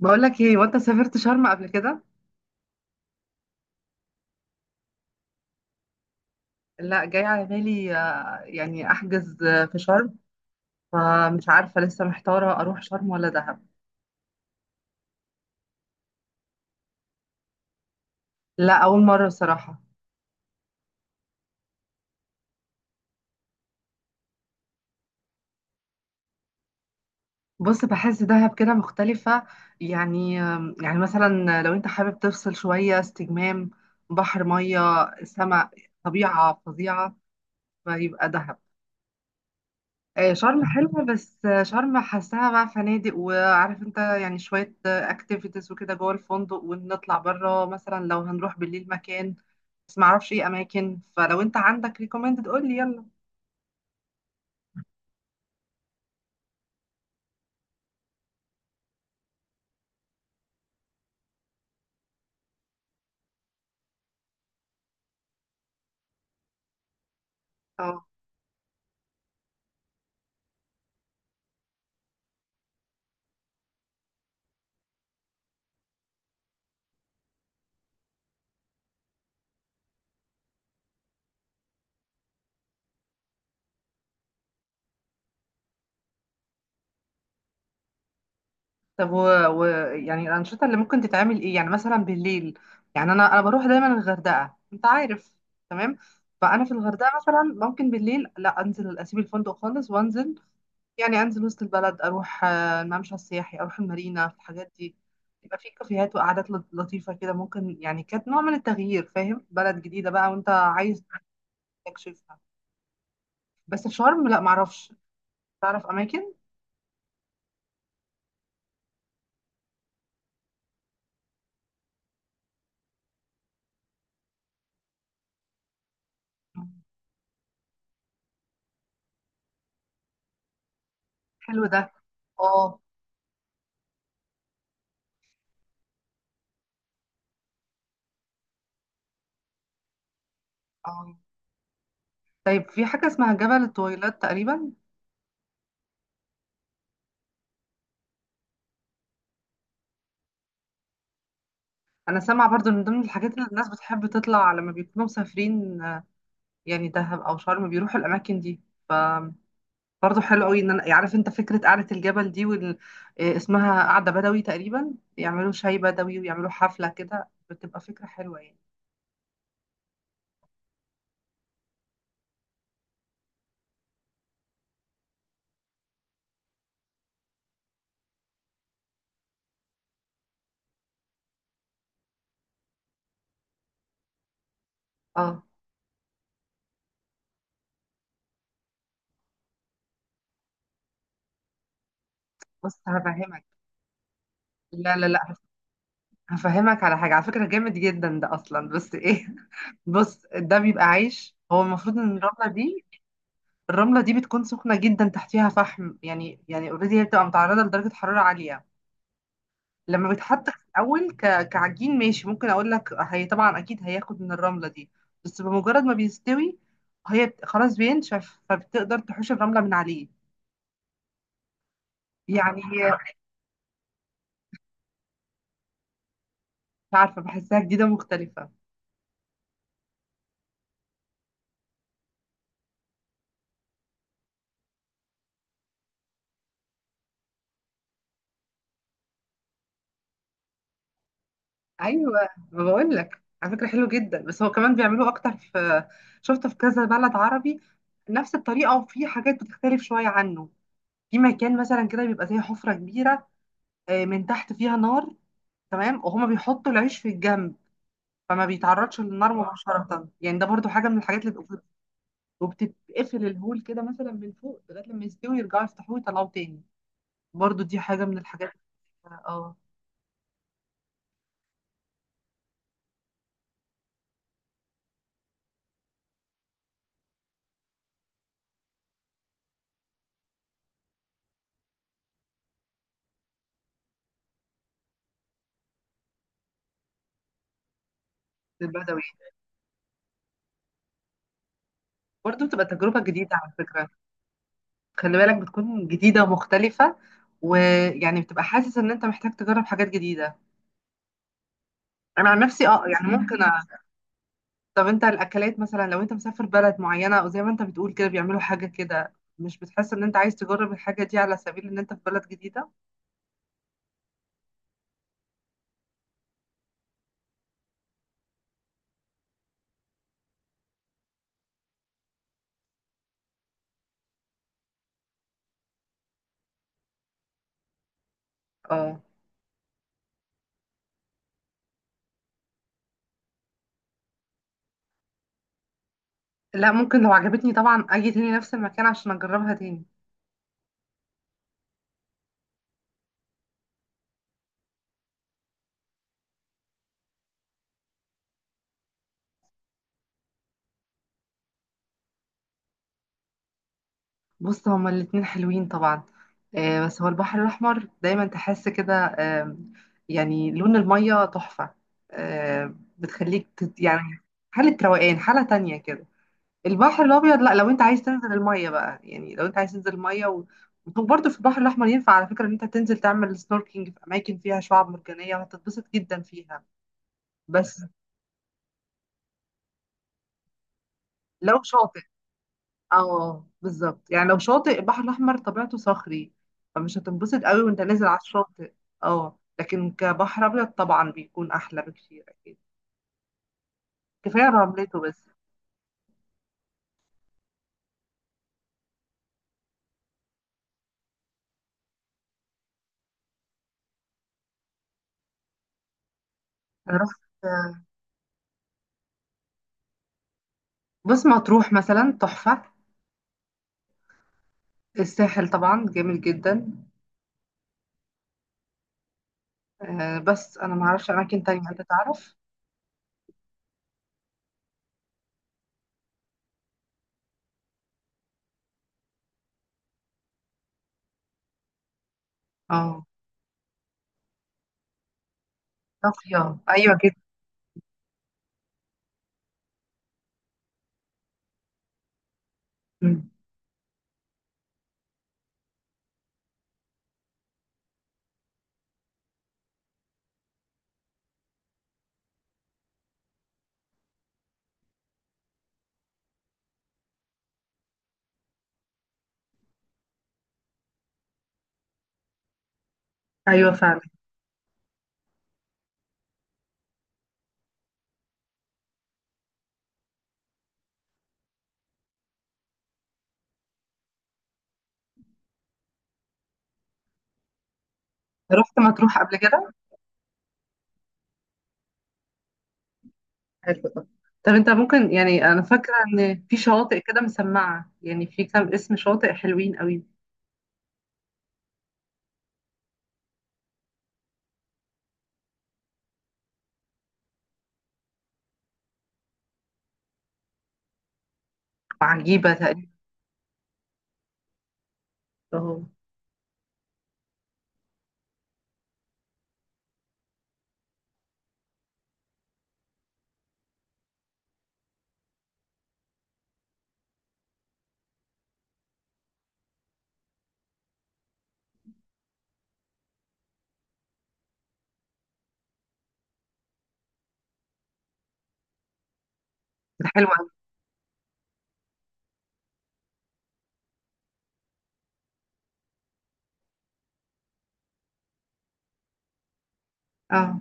بقول لك ايه، وانت سافرت شرم قبل كده؟ لا، جاي على بالي، يعني احجز، في شرم. فمش عارفه، لسه محتاره اروح شرم ولا دهب. لا، اول مره صراحه. بص، بحس دهب كده مختلفه. يعني يعني مثلا لو انت حابب تفصل شويه استجمام، بحر، ميه، سماء، طبيعه فظيعه، فيبقى دهب. شرم حلوة، بس شرم حاساها بقى فنادق، وعارف انت يعني شوية اكتيفيتيز وكده جوه الفندق، ونطلع بره مثلا لو هنروح بالليل مكان. بس معرفش ايه اماكن، فلو انت عندك ريكومندد قول لي يلا. اه. طب و... يعني الانشطة اللي ممكن تتعمل ايه، يعني مثلا بالليل؟ يعني انا بروح دايما الغردقة، انت عارف. تمام. فانا في الغردقة مثلا، ممكن بالليل لا، انزل اسيب الفندق خالص وانزل. يعني انزل وسط البلد، اروح الممشى السياحي، اروح المارينا، في الحاجات دي. يبقى في كافيهات وقعدات لطيفه كده، ممكن يعني كانت نوع من التغيير، فاهم، بلد جديده بقى وانت عايز تكشفها. بس في شرم لا، معرفش تعرف اماكن. حلو ده. اه. اه. طيب في حاجه اسمها جبل الطويلات تقريبا. انا سامعه برضو ان من ضمن الحاجات اللي الناس بتحب تطلع لما بيكونوا مسافرين، يعني دهب او شرم بيروحوا الاماكن دي. برضه حلو قوي، ان انا يعني عارف انت فكره قعده الجبل دي اسمها قعده بدوي تقريبا، يعملوا شاي بدوي ويعملوا حفله كده، بتبقى فكره حلوه يعني. اه. بص هفهمك. لا، لا، لا، هفهمك على حاجه، على فكره جامد جدا ده اصلا، بس ايه بص، ده بيبقى عيش، هو المفروض ان الرمله دي بتكون سخنه جدا، تحتيها فحم، يعني اوريدي هي بتبقى متعرضه لدرجه حراره عاليه. لما بيتحط في الاول كعجين، ماشي، ممكن اقول لك هي طبعا اكيد هياخد من الرمله دي. بس بمجرد ما بيستوي هي خلاص بينشف، فبتقدر تحوش الرمله من عليه. يعني هي مش عارفه، بحسها جديده مختلفه. ايوه، ما بقول لك على فكره حلو جدا، بس هو كمان بيعملوه اكتر في، شفته في كذا بلد عربي نفس الطريقه، وفي حاجات بتختلف شويه عنه. في مكان مثلا كده بيبقى زي حفره كبيره، من تحت فيها نار، تمام، وهما بيحطوا العيش في الجنب، فما بيتعرضش للنار، اه، مباشرة. يعني ده برضو حاجة من الحاجات اللي بتبقى، وبتتقفل الهول كده مثلا من فوق لغاية لما يستوي، يرجعوا يفتحوه ويطلعوه تاني. برضو دي حاجة من الحاجات. اه. البدوي. برضو بتبقى تجربة جديدة على فكرة. خلي بالك بتكون جديدة ومختلفة، ويعني بتبقى حاسس ان انت محتاج تجرب حاجات جديدة. انا عن نفسي اه، يعني ممكن طب انت الاكلات مثلا، لو انت مسافر بلد معينة، او زي ما انت بتقول كده بيعملوا حاجة كده، مش بتحس ان انت عايز تجرب الحاجة دي على سبيل ان انت في بلد جديدة؟ اه. لا، ممكن لو عجبتني طبعا اجي تاني نفس المكان عشان اجربها تاني. بص، هما الاتنين حلوين طبعا. آه، بس هو البحر الاحمر دايما تحس كده، آه يعني لون المية تحفة، بتخليك يعني حالة روقان، حالة تانية كده. البحر الابيض لا، لو انت عايز تنزل المية بقى، يعني لو انت عايز تنزل المية، و... وبرضه في البحر الاحمر ينفع على فكرة ان انت تنزل تعمل سنوركينج في اماكن فيها شعاب مرجانية، وهتتبسط جدا فيها. بس لو شاطئ اه، بالظبط، يعني لو شاطئ البحر الاحمر طبيعته صخري، فمش هتنبسط قوي وانت نازل على الشاطئ. اه، لكن كبحر ابيض طبعا بيكون احلى بكتير اكيد، كفايه رملته بس. أنا رحت. بص، مطروح مثلا تحفه، الساحل طبعا جميل جدا. بس انا ما اعرفش اماكن تانية، انت تعرف. اه. طافيه، ايوه جدا. مم. ايوه فعلا. رحت مطروح قبل كده. حلو ده. طب انت ممكن، يعني انا فاكره ان في شواطئ كده مسمعه، يعني في كام اسم شواطئ حلوين قوي. وعجيبه تقريبا. اهو. ده حلو قوي. اه.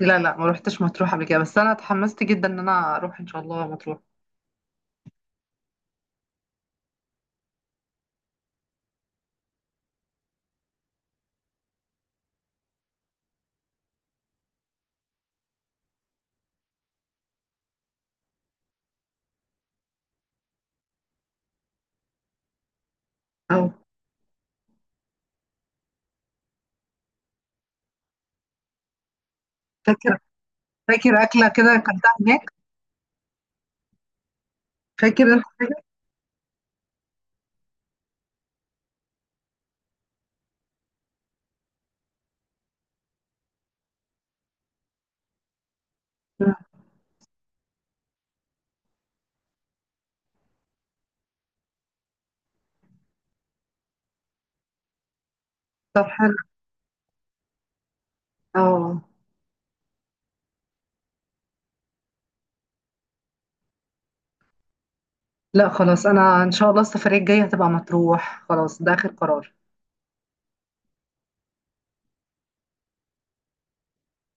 لا، لا، ما روحتش مطروح قبل كده، بس انا اتحمست جدا ان انا اروح ان شاء الله مطروح. اه. فاكر، فاكر اكله كده اكلتها هناك. فاكر انت حاجه؟ مم. طب حلو. اه. لا خلاص، انا ان شاء الله السفريه الجايه هتبقى مطروح، خلاص ده اخر قرار.